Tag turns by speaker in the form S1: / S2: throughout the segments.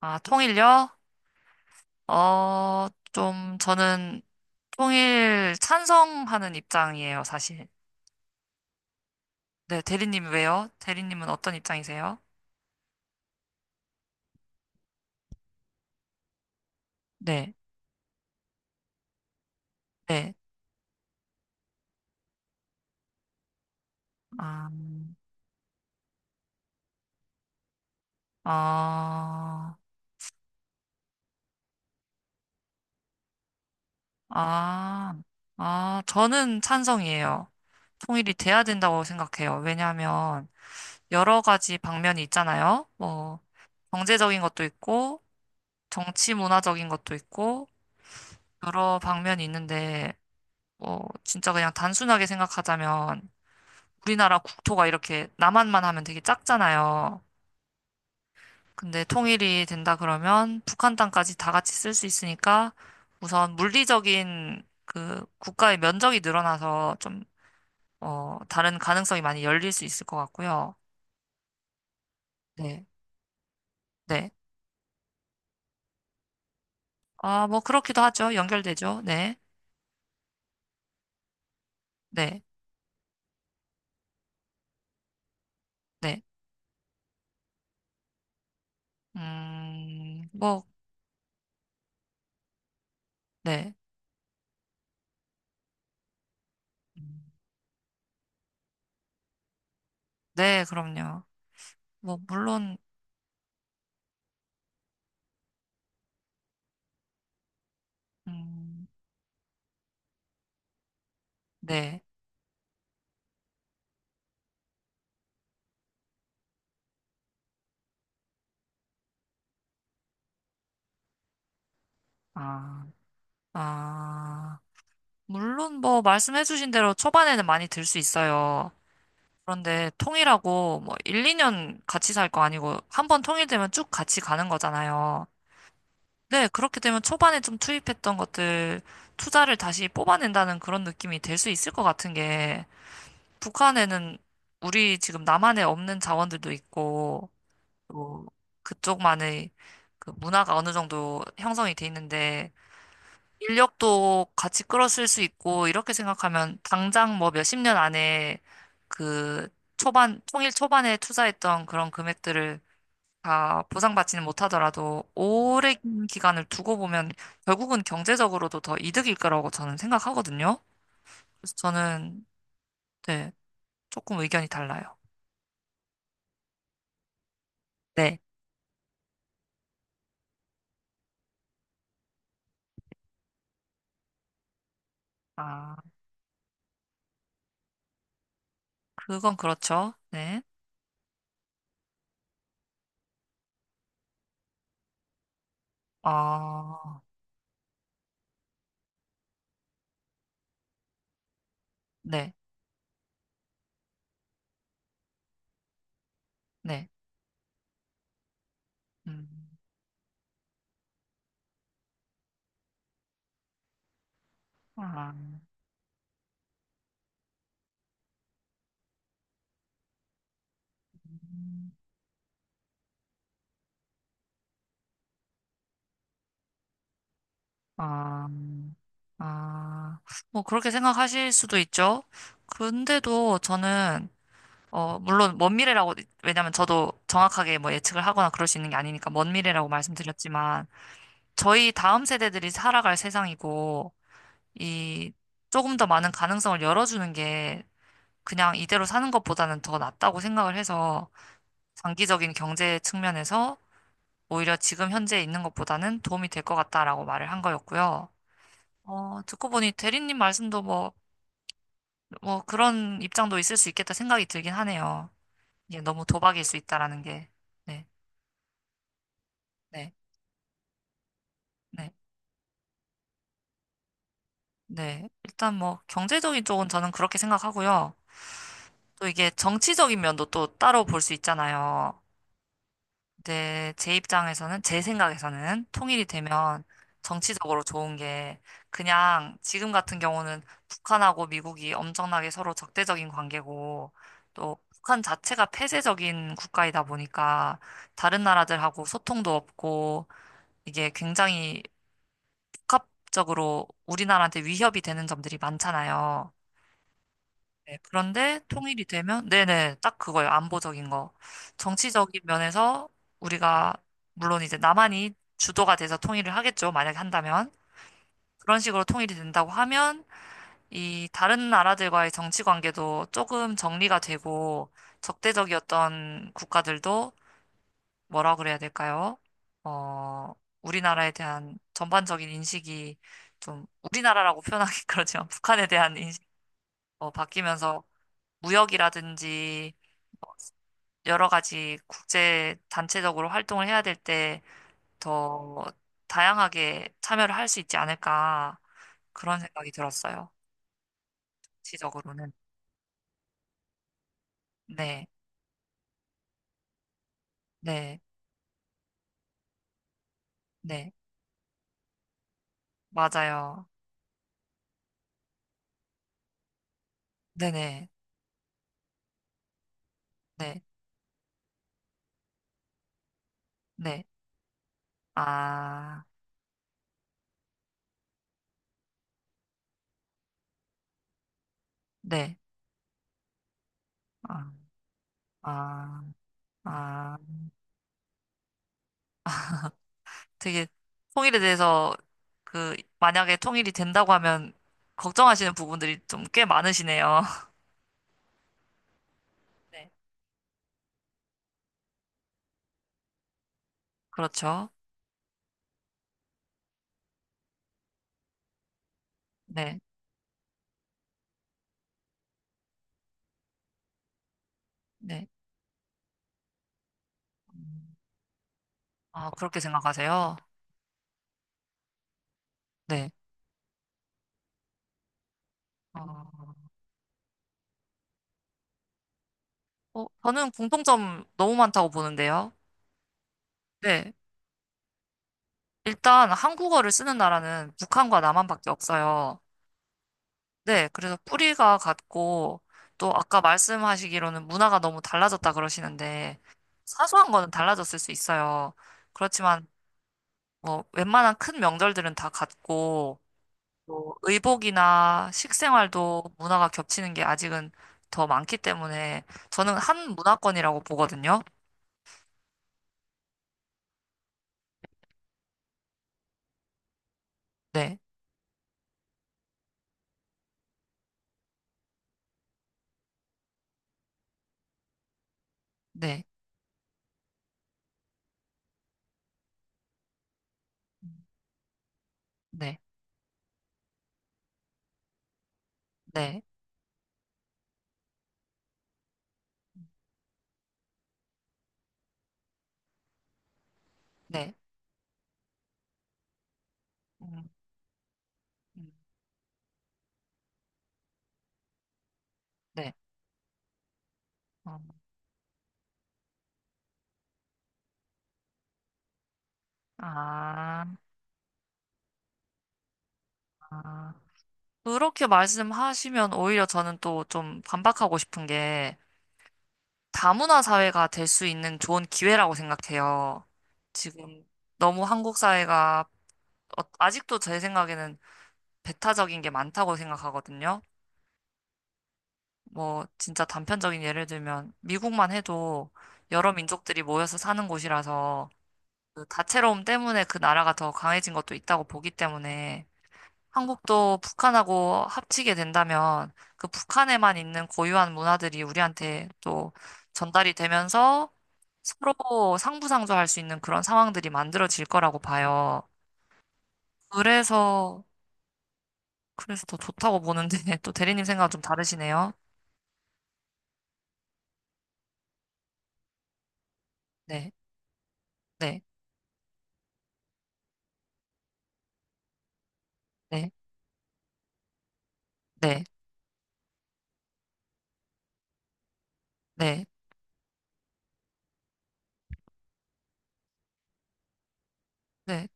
S1: 아, 통일요? 좀 저는 통일 찬성하는 입장이에요, 사실. 네, 대리님 왜요? 대리님은 어떤 입장이세요? 네, 네. 아, 아, 아, 아, 저는 찬성이에요. 통일이 돼야 된다고 생각해요. 왜냐하면 여러 가지 방면이 있잖아요. 뭐, 경제적인 것도 있고, 정치 문화적인 것도 있고, 여러 방면이 있는데, 진짜 그냥 단순하게 생각하자면 우리나라 국토가 이렇게 남한만 하면 되게 작잖아요. 근데 통일이 된다 그러면 북한 땅까지 다 같이 쓸 수 있으니까 우선 물리적인 그 국가의 면적이 늘어나서 좀, 다른 가능성이 많이 열릴 수 있을 것 같고요. 네. 네. 아, 뭐 그렇기도 하죠. 연결되죠. 네. 네. 네. 뭐, 네. 음, 네, 그럼요. 뭐, 물론, 음, 네. 아. 아, 물론 뭐 말씀해주신 대로 초반에는 많이 들 수 있어요. 그런데 통일하고 뭐 1, 2년 같이 살 거 아니고 한 번 통일되면 쭉 같이 가는 거잖아요. 네, 그렇게 되면 초반에 좀 투입했던 것들 투자를 다시 뽑아낸다는 그런 느낌이 될 수 있을 것 같은 게 북한에는 우리 지금 남한에 없는 자원들도 있고 또 그쪽만의 그 문화가 어느 정도 형성이 돼 있는데 인력도 같이 끌어쓸 수 있고, 이렇게 생각하면 당장 뭐 몇십 년 안에 그 초반, 통일 초반에 투자했던 그런 금액들을 다 보상받지는 못하더라도 오랜 기간을 두고 보면 결국은 경제적으로도 더 이득일 거라고 저는 생각하거든요. 그래서 저는, 네, 조금 의견이 달라요. 네. 아, 그건 그렇죠. 네. 어, 네, 네. 음. 아. 아, 아, 뭐 그렇게 생각하실 수도 있죠. 근데도 저는 물론 먼 미래라고 왜냐면 저도 정확하게 뭐 예측을 하거나 그럴 수 있는 게 아니니까 먼 미래라고 말씀드렸지만 저희 다음 세대들이 살아갈 세상이고 이 조금 더 많은 가능성을 열어주는 게 그냥 이대로 사는 것보다는 더 낫다고 생각을 해서 장기적인 경제 측면에서 오히려 지금 현재 있는 것보다는 도움이 될 것 같다라고 말을 한 거였고요. 듣고 보니 대리님 말씀도 뭐, 뭐 그런 입장도 있을 수 있겠다 생각이 들긴 하네요. 이게 너무 도박일 수 있다라는 게. 네, 네, 네, 네. 일단 뭐 경제적인 쪽은 저는 그렇게 생각하고요. 또 이게 정치적인 면도 또 따로 볼 수 있잖아요. 네, 제 입장에서는, 제 생각에서는 통일이 되면 정치적으로 좋은 게 그냥 지금 같은 경우는 북한하고 미국이 엄청나게 서로 적대적인 관계고 또 북한 자체가 폐쇄적인 국가이다 보니까 다른 나라들하고 소통도 없고 이게 굉장히 복합적으로 우리나라한테 위협이 되는 점들이 많잖아요. 네, 그런데 통일이 되면, 네네, 딱 그거예요. 안보적인 거. 정치적인 면에서 우리가, 물론 이제 남한이 주도가 돼서 통일을 하겠죠. 만약에 한다면. 그런 식으로 통일이 된다고 하면, 이 다른 나라들과의 정치 관계도 조금 정리가 되고, 적대적이었던 국가들도 뭐라 그래야 될까요? 어, 우리나라에 대한 전반적인 인식이 좀, 우리나라라고 표현하기 그렇지만, 북한에 대한 인식, 바뀌면서, 무역이라든지, 여러 가지 국제 단체적으로 활동을 해야 될 때 더 다양하게 참여를 할 수 있지 않을까 그런 생각이 들었어요. 지적으로는. 네, 네, 네, 맞아요. 네 네, 네, 네, 아, 네, 아, 아, 아, 되게 통일에 대해서 그 만약에 통일이 된다고 하면 걱정하시는 부분들이 좀 꽤 많으시네요. 네, 그렇죠. 네, 네. 음, 아, 그렇게 생각하세요? 네. 어, 저는 공통점 너무 많다고 보는데요. 네. 일단 한국어를 쓰는 나라는 북한과 남한밖에 없어요. 네. 그래서 뿌리가 같고 또 아까 말씀하시기로는 문화가 너무 달라졌다 그러시는데 사소한 거는 달라졌을 수 있어요. 그렇지만 뭐 웬만한 큰 명절들은 다 같고 또 의복이나 식생활도 문화가 겹치는 게 아직은 더 많기 때문에 저는 한 문화권이라고 보거든요. 네. 네. 네, 네, 네, 음, 음, 네. 어, 아, 아. 그렇게 말씀하시면 오히려 저는 또 좀 반박하고 싶은 게 다문화 사회가 될 수 있는 좋은 기회라고 생각해요. 지금 너무 한국 사회가 아직도 제 생각에는 배타적인 게 많다고 생각하거든요. 뭐 진짜 단편적인 예를 들면 미국만 해도 여러 민족들이 모여서 사는 곳이라서 그 다채로움 때문에 그 나라가 더 강해진 것도 있다고 보기 때문에 한국도 북한하고 합치게 된다면 그 북한에만 있는 고유한 문화들이 우리한테 또 전달이 되면서 서로 상부상조할 수 있는 그런 상황들이 만들어질 거라고 봐요. 그래서 그래서 더 좋다고 보는데 또 대리님 생각은 좀 다르시네요. 네, 네, 네, 네, 네, 네,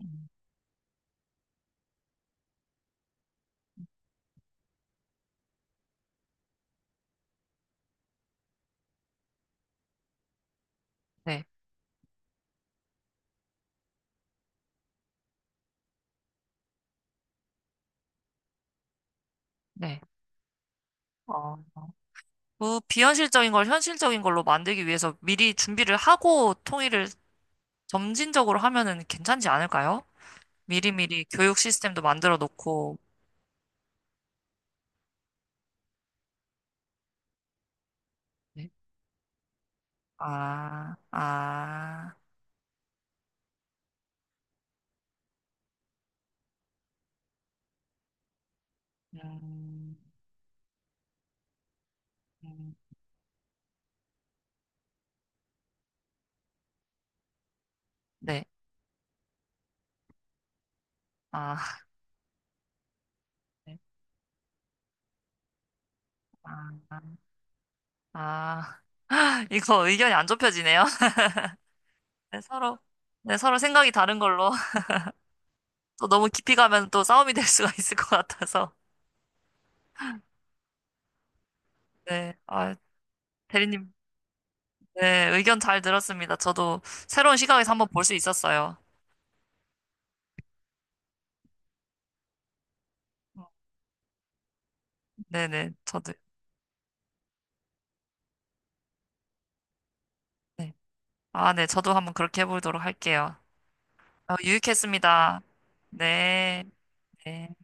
S1: 음, 네, 네. 어. 그 비현실적인 걸 현실적인 걸로 만들기 위해서 미리 준비를 하고 통일을 점진적으로 하면은 괜찮지 않을까요? 미리미리 교육 시스템도 만들어 놓고. 네. 아, 아, 음, 음, 네. 아, 네. 아, 아, 이거 의견이 안 좁혀지네요. 네, 서로, 네, 서로 생각이 다른 걸로. 또 너무 깊이 가면 또 싸움이 될 수가 있을 것 같아서. 네. 아, 대리님, 네, 의견 잘 들었습니다. 저도 새로운 시각에서 한번 볼 수 있었어요. 네네, 저도, 네. 아, 네, 저도 한번 그렇게 해보도록 할게요. 유익했습니다. 네. 네.